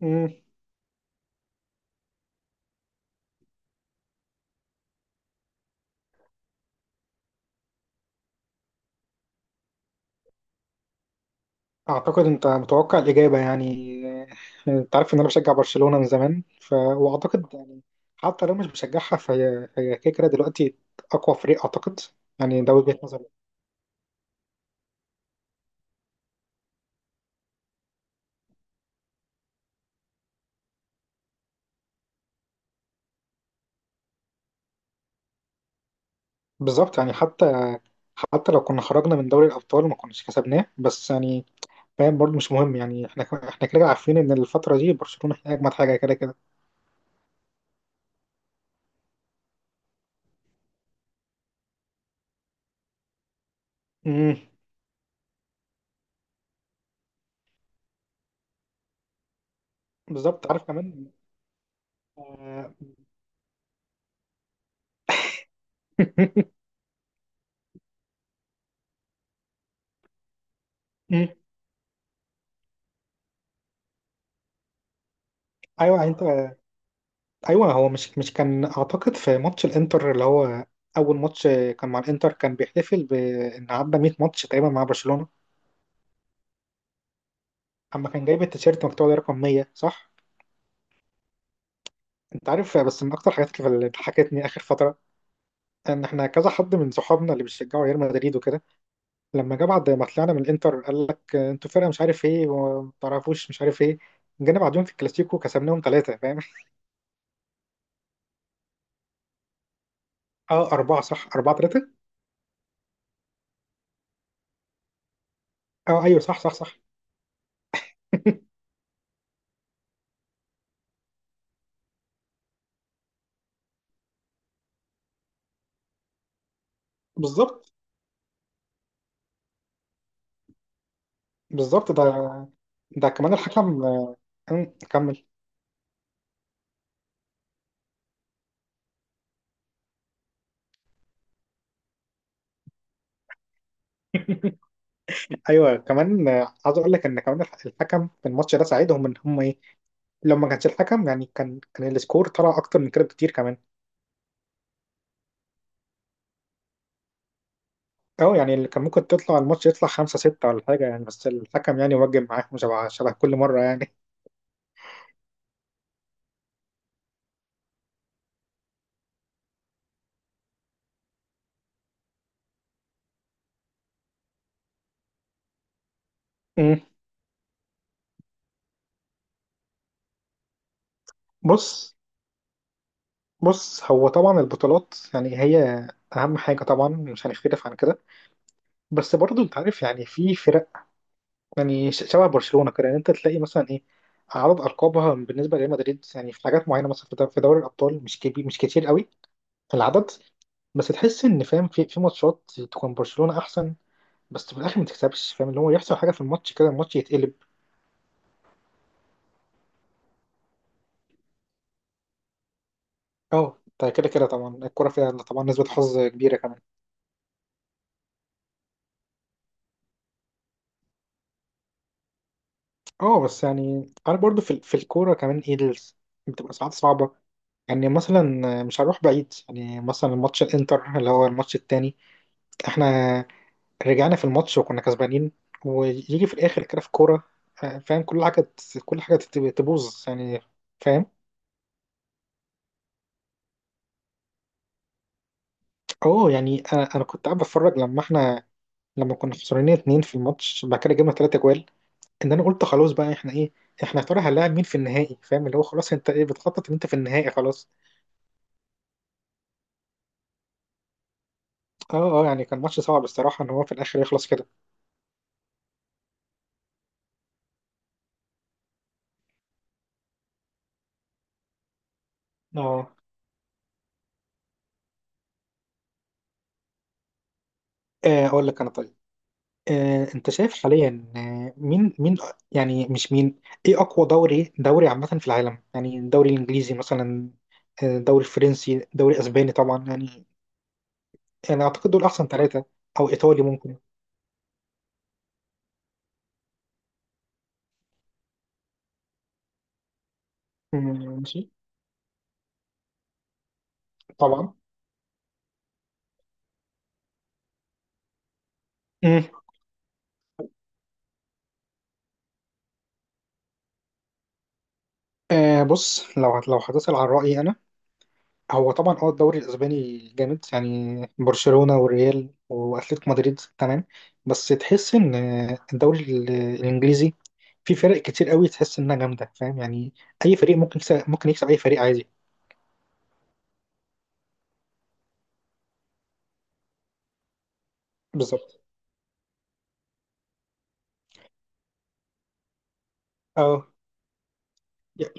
مم. اعتقد انت متوقع الاجابه يعني. آه، انت عارف ان انا بشجع برشلونه من زمان واعتقد يعني حتى لو مش بشجعها فهي كده كده دلوقتي اقوى فريق اعتقد. يعني ده وجهه نظري. بالظبط يعني حتى لو كنا خرجنا من دوري الابطال ما كناش كسبناه بس يعني فاهم برضه مش مهم يعني احنا كده كده عارفين ان الفتره دي برشلونه هي اجمد حاجه كده كده. مم. بالظبط عارف كمان. آه، مم. ايوه يعني انت. ايوه هو مش كان اعتقد في ماتش الانتر اللي هو اول ماتش كان مع الانتر، كان بيحتفل بان عدى 100 ماتش تقريبا مع برشلونه. اما كان جايب التيشيرت مكتوب عليه رقم 100، صح؟ انت عارف بس من اكتر الحاجات اللي ضحكتني اخر فتره ان احنا كذا حد من صحابنا اللي بيشجعوا ريال مدريد وكده لما جه بعد ما طلعنا من الانتر قال لك انتوا فرقه مش عارف ايه وما تعرفوش مش عارف ايه. جينا بعدهم في الكلاسيكو كسبناهم 3، فاهم؟ اه، اربعه، صح، 4-3. اه ايوه، صح صح صح. بالظبط. بالظبط. ده كمان الحكم. كمل. ايوه كمان، عايز اقول لك ان كمان الحكم في الماتش ده ساعدهم ان هم ايه. لو ما كانش الحكم يعني كان السكور طلع اكتر من كده بكتير كمان. اه يعني اللي كان ممكن تطلع الماتش يطلع 5 6 ولا حاجه يعني بس الحكم يعني وجب معاهم شبه كل مره يعني. أم، بص. بص هو طبعا البطولات يعني هي اهم حاجه طبعا، مش هنختلف عن كده. بس برضه انت عارف يعني في فرق، يعني شبه برشلونة كده. يعني انت تلاقي مثلا ايه اعراض القابها بالنسبه لريال مدريد، يعني في حاجات معينه مثلا في دوري الابطال مش كبير، مش كتير قوي في العدد. بس تحس ان فاهم في ماتشات تكون برشلونه احسن، بس في الاخر ما تكسبش، فاهم؟ اللي هو يحصل حاجه في الماتش كده الماتش يتقلب. اه ده كده كده طبعا الكوره فيها طبعا نسبه حظ كبيره كمان. اه بس يعني انا برضو في الكوره كمان ايه بتبقى ساعات صعبه. يعني مثلا مش هروح بعيد، يعني مثلا ماتش الانتر اللي هو الماتش التاني، احنا رجعنا في الماتش وكنا كسبانين ويجي في الاخر كده في كوره، فاهم كل كل تبوظ يعني. فاهم. اه يعني انا كنت قاعد بتفرج لما احنا، لما كنا خسرانين 2 في الماتش بعد كده جبنا 3 جوال، ان انا قلت خلاص بقى احنا ايه، احنا يا ترى هنلاعب مين في النهائي؟ فاهم اللي هو خلاص انت ايه بتخطط ان انت في النهائي خلاص. اه اه يعني كان ماتش صعب الصراحه ان هو في الاخر يخلص كده. اه، اقول لك انا طيب. انت شايف حاليا، مين؟ يعني مش مين، ايه اقوى دوري عامة في العالم، يعني الدوري الانجليزي مثلا، الدوري الفرنسي، دوري اسباني طبعا يعني. انا اعتقد دول احسن ثلاثة. او ايطالي ممكن. مم، ماشي. طبعا. مم. آه بص، لو هتسأل عن رأيي، هو طبعا اه الدوري الاسباني جامد يعني برشلونة والريال واتلتيكو مدريد تمام. بس تحس ان الدوري الانجليزي في فرق كتير قوي تحس انها جامده، فاهم يعني اي فريق ممكن يكسب، ممكن يكسب اي فريق عادي. بالظبط. اه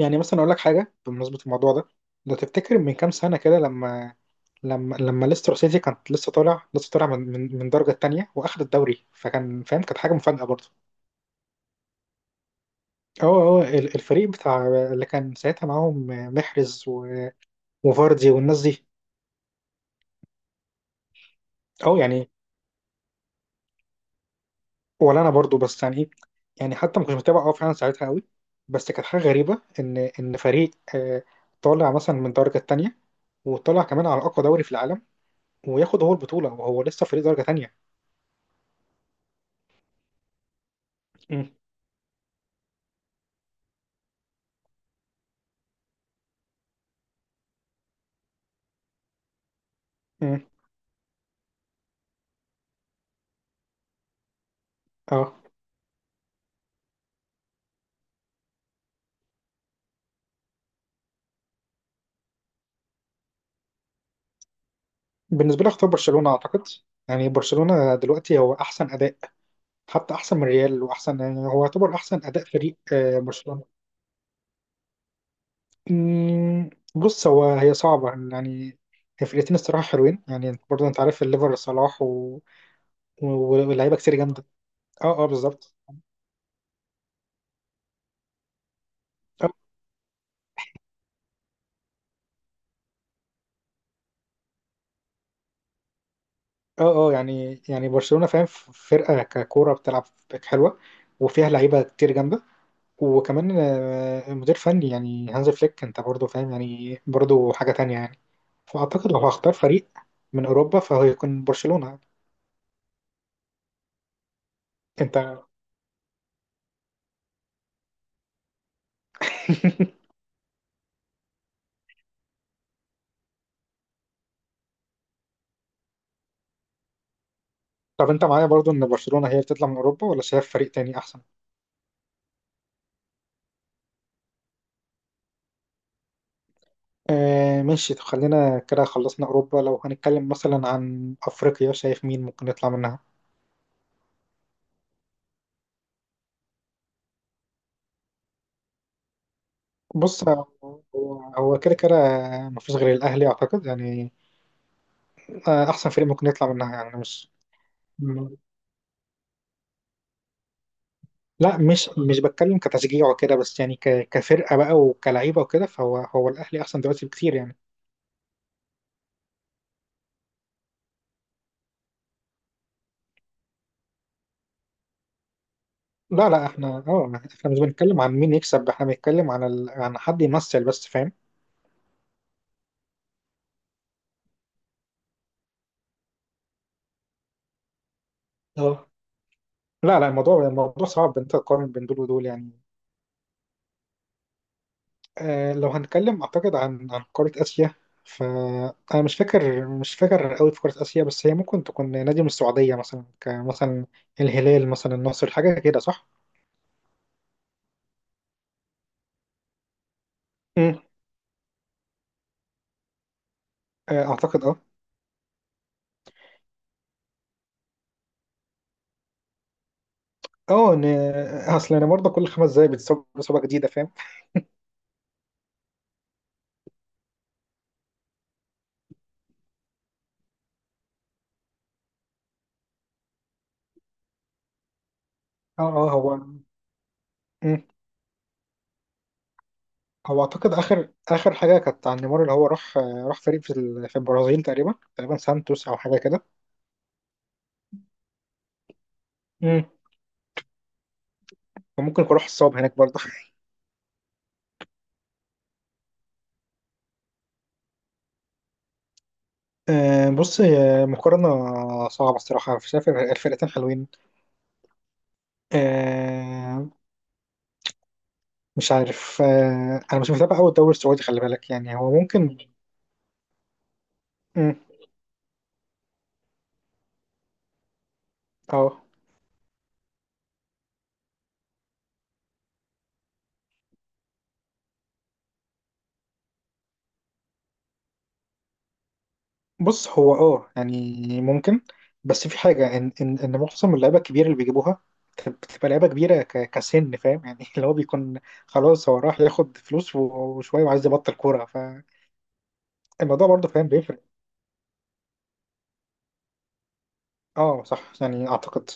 يعني مثلا اقول لك حاجه بمناسبه الموضوع ده، لو تفتكر من كام سنه كده لما، لما ليستر سيتي كانت لسه طالع من الدرجه الثانيه واخد الدوري، فكان فاهم كانت حاجه مفاجاه برضه. هو الفريق بتاع اللي كان ساعتها معاهم محرز وفاردي والناس دي. اه يعني، ولا انا برضو بس يعني ايه، يعني حتى ما كنتش متابع اه فعلا ساعتها قوي. بس كانت حاجه غريبه ان فريق طالع مثلا من درجه تانية وطلع كمان على اقوى دوري في العالم وياخد هو البطوله وهو لسه فريق درجه تانية. امم. امم. اه بالنسبه لي اختار برشلونه اعتقد. يعني برشلونه دلوقتي هو احسن اداء، حتى احسن من ريال، واحسن يعني هو يعتبر احسن اداء فريق، برشلونه. مم، بص هو هي صعبة يعني، هي فرقتين الصراحة حلوين يعني انت برضه انت عارف الليفر صلاح ولاعيبة كتير جامدة. اه اه بالظبط. اه اه، يعني برشلونة، فاهم فرقة ككورة بتلعب حلوة، وفيها لعيبة كتير جامدة، وكمان مدير فني يعني هانز فليك، انت برضه فاهم يعني برضه حاجة تانية يعني. فأعتقد لو هختار فريق من أوروبا فهو يكون برشلونة. انت طب انت معايا برضه ان برشلونة هي بتطلع من أوروبا ولا شايف فريق تاني أحسن؟ آه ماشي، طب خلينا كده خلصنا أوروبا. لو هنتكلم مثلا عن أفريقيا، شايف مين ممكن يطلع منها؟ بص. هو كده كده مفيش غير الأهلي أعتقد يعني، أحسن فريق ممكن يطلع منها يعني مش م- لا، مش بتكلم كتشجيع وكده، بس يعني كفرقة بقى وكلعيبة وكده، فهو الأهلي أحسن دلوقتي بكتير يعني. لا لا احنا اه احنا مش بنتكلم عن مين يكسب، احنا بنتكلم عن عن حد يمثل بس، فاهم. اه لا لا الموضوع صعب إن انت تقارن بين دول ودول يعني. لو هنتكلم أعتقد عن قارة آسيا، فأنا مش فاكر قوي في قارة آسيا، بس هي ممكن تكون نادي من السعودية مثلا، كمثلا الهلال مثلا، النصر، حاجة كده، صح؟ مم. أعتقد أه أه إن أصل أنا برضه كل 5 دقايق بتصاب إصابة جديدة، فاهم؟ أه أه. مم. هو أعتقد آخر حاجة كانت عن نيمار اللي هو راح، راح فريق في البرازيل، تقريبا سانتوس أو حاجة كده. مم. فممكن يكون راح الصاب هناك برضه. بص هي مقارنة صعبة الصراحة، شايف الفرقتين حلوين. آه، مش عارف، أنا مش متابع أوي الدوري السعودي، خلي بالك يعني هو ممكن. مم، اه بص هو يعني ممكن، بس في حاجة إن إن معظم اللعيبة الكبيرة اللي بيجيبوها بتبقى لعيبة كبيرة كسن، فاهم يعني اللي هو بيكون خلاص هو راح ياخد فلوس وشوية وعايز يبطل كورة، فالموضوع برضه فاهم بيفرق. اه صح يعني أعتقد.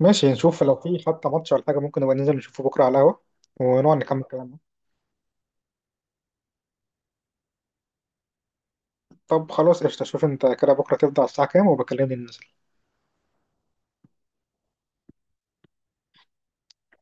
ماشي، نشوف لو في حتى ماتش ولا حاجة ممكن نبقى ننزل نشوفه بكرة على القهوة ونقعد نكمل كلامنا. طب خلاص قشطة، شوف انت كده بكرة تبدأ على الساعة كام وبكلمني ننزل.